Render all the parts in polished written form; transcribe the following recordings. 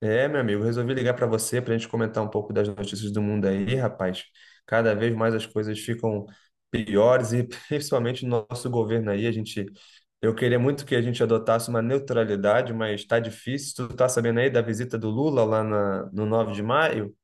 É, meu amigo, resolvi ligar para você para a gente comentar um pouco das notícias do mundo aí, rapaz. Cada vez mais as coisas ficam piores e principalmente no nosso governo aí, a gente eu queria muito que a gente adotasse uma neutralidade, mas tá difícil. Tu tá sabendo aí da visita do Lula no 9 de maio?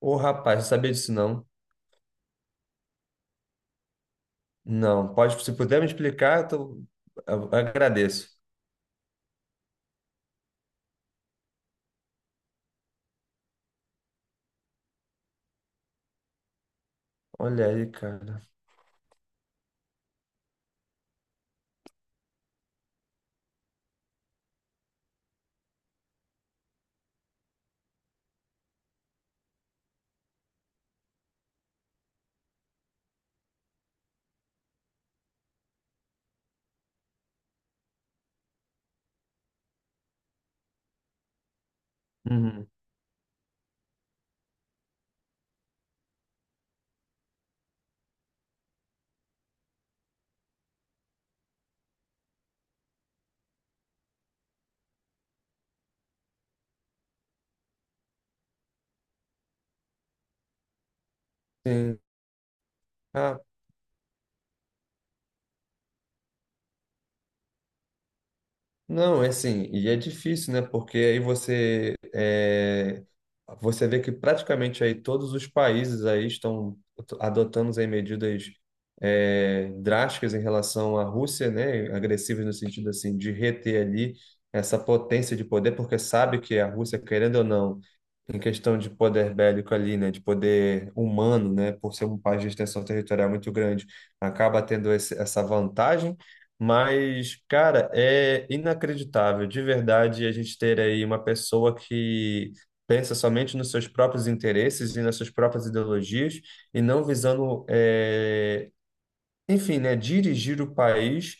Ô, rapaz, não sabia disso não. Não, pode, se puder me explicar, eu agradeço. Olha aí, cara. Uhum. Sim. Não, é assim, e é difícil, né? Porque aí você vê que praticamente aí todos os países aí estão adotando aí medidas drásticas em relação à Rússia, né? Agressivas no sentido assim de reter ali essa potência de poder, porque sabe que a Rússia, querendo ou não, em questão de poder bélico ali, né, de poder humano, né, por ser um país de extensão territorial muito grande, acaba tendo essa vantagem. Mas, cara, é inacreditável, de verdade, a gente ter aí uma pessoa que pensa somente nos seus próprios interesses e nas suas próprias ideologias e não visando, é, enfim, né, dirigir o país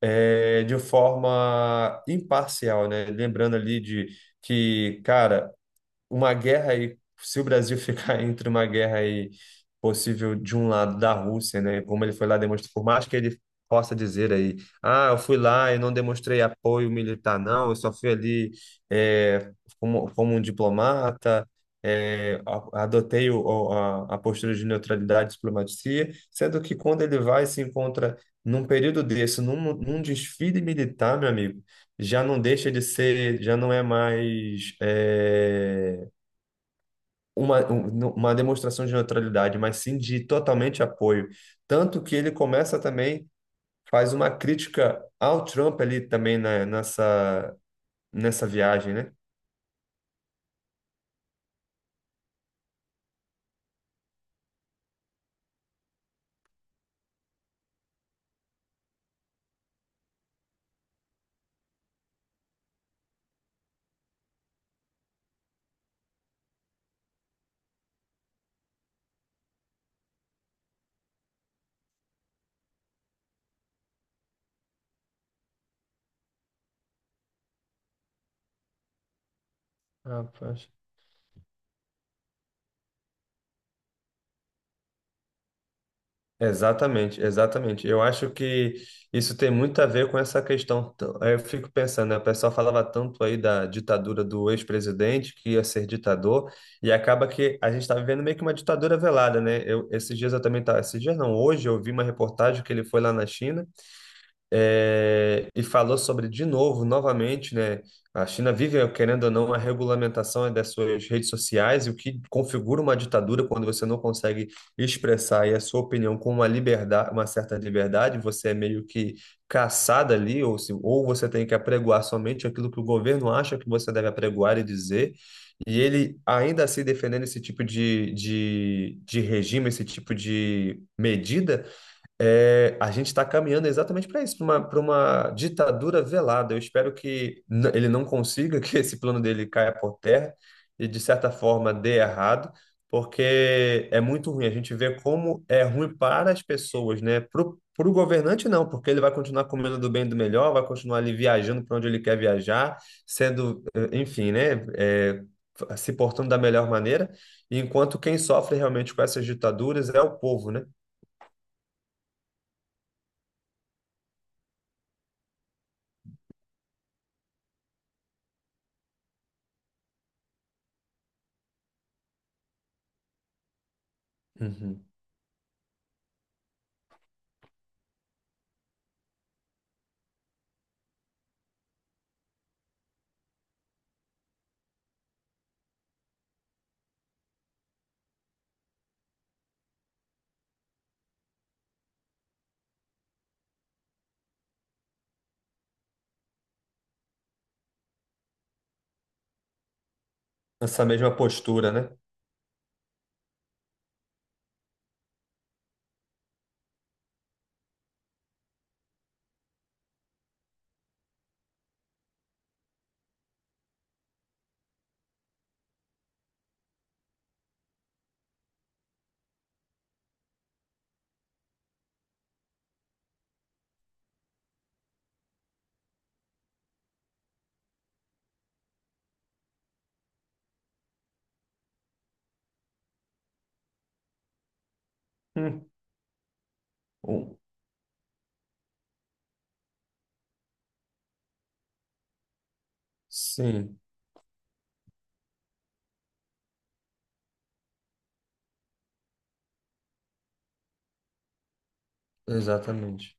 de forma imparcial, né? Lembrando ali de que, cara, uma guerra aí, se o Brasil ficar entre uma guerra aí possível de um lado da Rússia, né, como ele foi lá demonstrar, por mais que ele possa dizer aí, ah, eu fui lá e não demonstrei apoio militar, não, eu só fui ali é, como um diplomata, é, adotei a postura de neutralidade e diplomacia, sendo que quando ele vai e se encontra num período desse, num desfile militar, meu amigo, já não deixa de ser, já não é mais uma, uma demonstração de neutralidade, mas sim de totalmente apoio. Tanto que ele começa também, faz uma crítica ao Trump ali também nessa, nessa viagem, né? Rapaz. Exatamente, exatamente. Eu acho que isso tem muito a ver com essa questão. Eu fico pensando, né? O pessoal falava tanto aí da ditadura do ex-presidente, que ia ser ditador, e acaba que a gente está vivendo meio que uma ditadura velada, né? Eu, esses dias eu também tá, esses dias não, hoje eu vi uma reportagem que ele foi lá na China e falou sobre, de novo, novamente, né? A China vive, querendo ou não, a regulamentação das suas redes sociais, e o que configura uma ditadura quando você não consegue expressar aí a sua opinião com uma liberdade, uma certa liberdade, você é meio que caçado ali, ou, se, ou você tem que apregoar somente aquilo que o governo acha que você deve apregoar e dizer. E ele ainda assim defendendo esse tipo de regime, esse tipo de medida a gente está caminhando exatamente para isso, pra uma ditadura velada. Eu espero que ele não consiga, que esse plano dele caia por terra e, de certa forma, dê errado, porque é muito ruim. A gente vê como é ruim para as pessoas, né? Para o governante, não, porque ele vai continuar comendo do bem e do melhor, vai continuar ali viajando para onde ele quer viajar, sendo, eh, enfim, né? Se portando da melhor maneira, enquanto quem sofre realmente com essas ditaduras é o povo, né? Uhum. Essa mesma postura, né? Hum. Um- Sim, exatamente.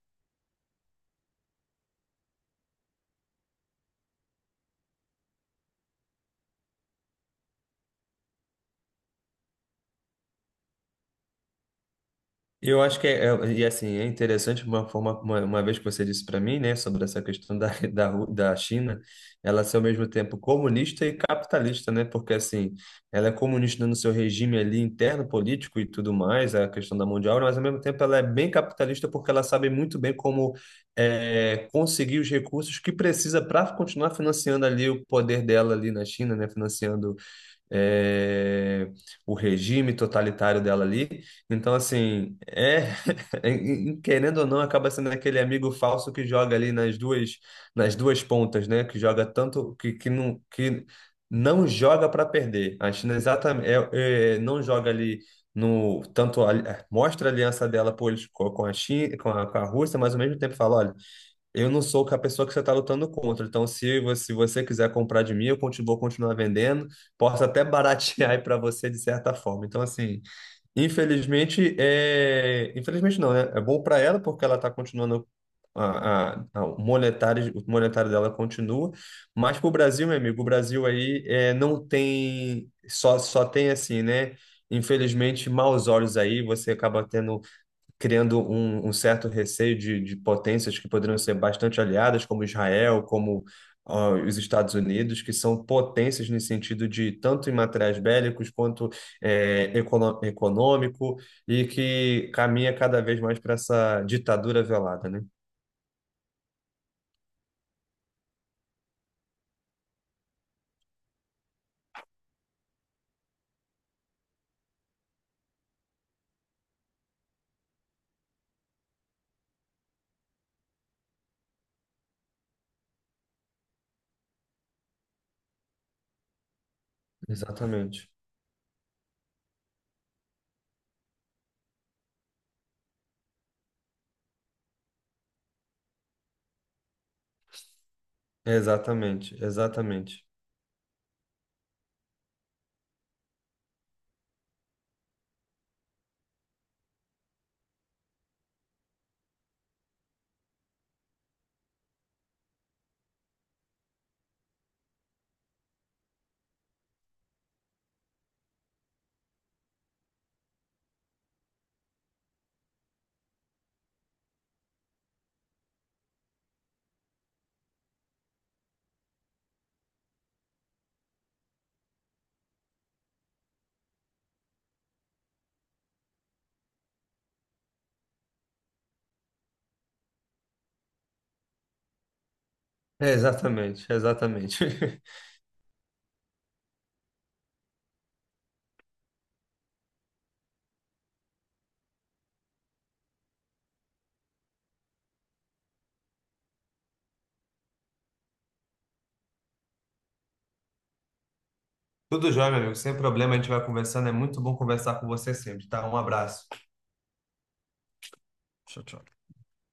Eu acho e assim, é interessante uma forma, uma vez que você disse para mim, né, sobre essa questão da, da China, ela ser ao mesmo tempo comunista e capitalista, né? Porque assim, ela é comunista no seu regime ali interno político e tudo mais, a questão da mão de obra, mas ao mesmo tempo ela é bem capitalista porque ela sabe muito bem como conseguir os recursos que precisa para continuar financiando ali o poder dela ali na China, né? Financiando é, o regime totalitário dela ali. Então, assim, é, querendo ou não, acaba sendo aquele amigo falso que joga ali nas duas pontas, né? Que joga tanto que não joga para perder. A China exatamente não joga ali no tanto ali. Mostra a aliança dela, pô, com a China, com a Rússia, mas ao mesmo tempo fala, olha, eu não sou a pessoa que você está lutando contra. Então, se você quiser comprar de mim, eu continuo, vou continuar vendendo. Posso até baratear aí para você de certa forma. Então, assim, infelizmente, é... infelizmente não, né? É bom para ela porque ela está continuando o monetário dela continua. Mas para o Brasil, meu amigo, o Brasil aí é, não tem só só tem assim, né? Infelizmente, maus olhos aí. Você acaba tendo criando um, um certo receio de potências que poderiam ser bastante aliadas, como Israel, como ah, os Estados Unidos, que são potências no sentido de tanto em materiais bélicos quanto econômico, e que caminha cada vez mais para essa ditadura velada, né? Exatamente. Exatamente, exatamente. É, exatamente, exatamente. Tudo jóia, meu amigo, sem problema, a gente vai conversando. É muito bom conversar com você sempre, tá? Um abraço. Tchau, tchau.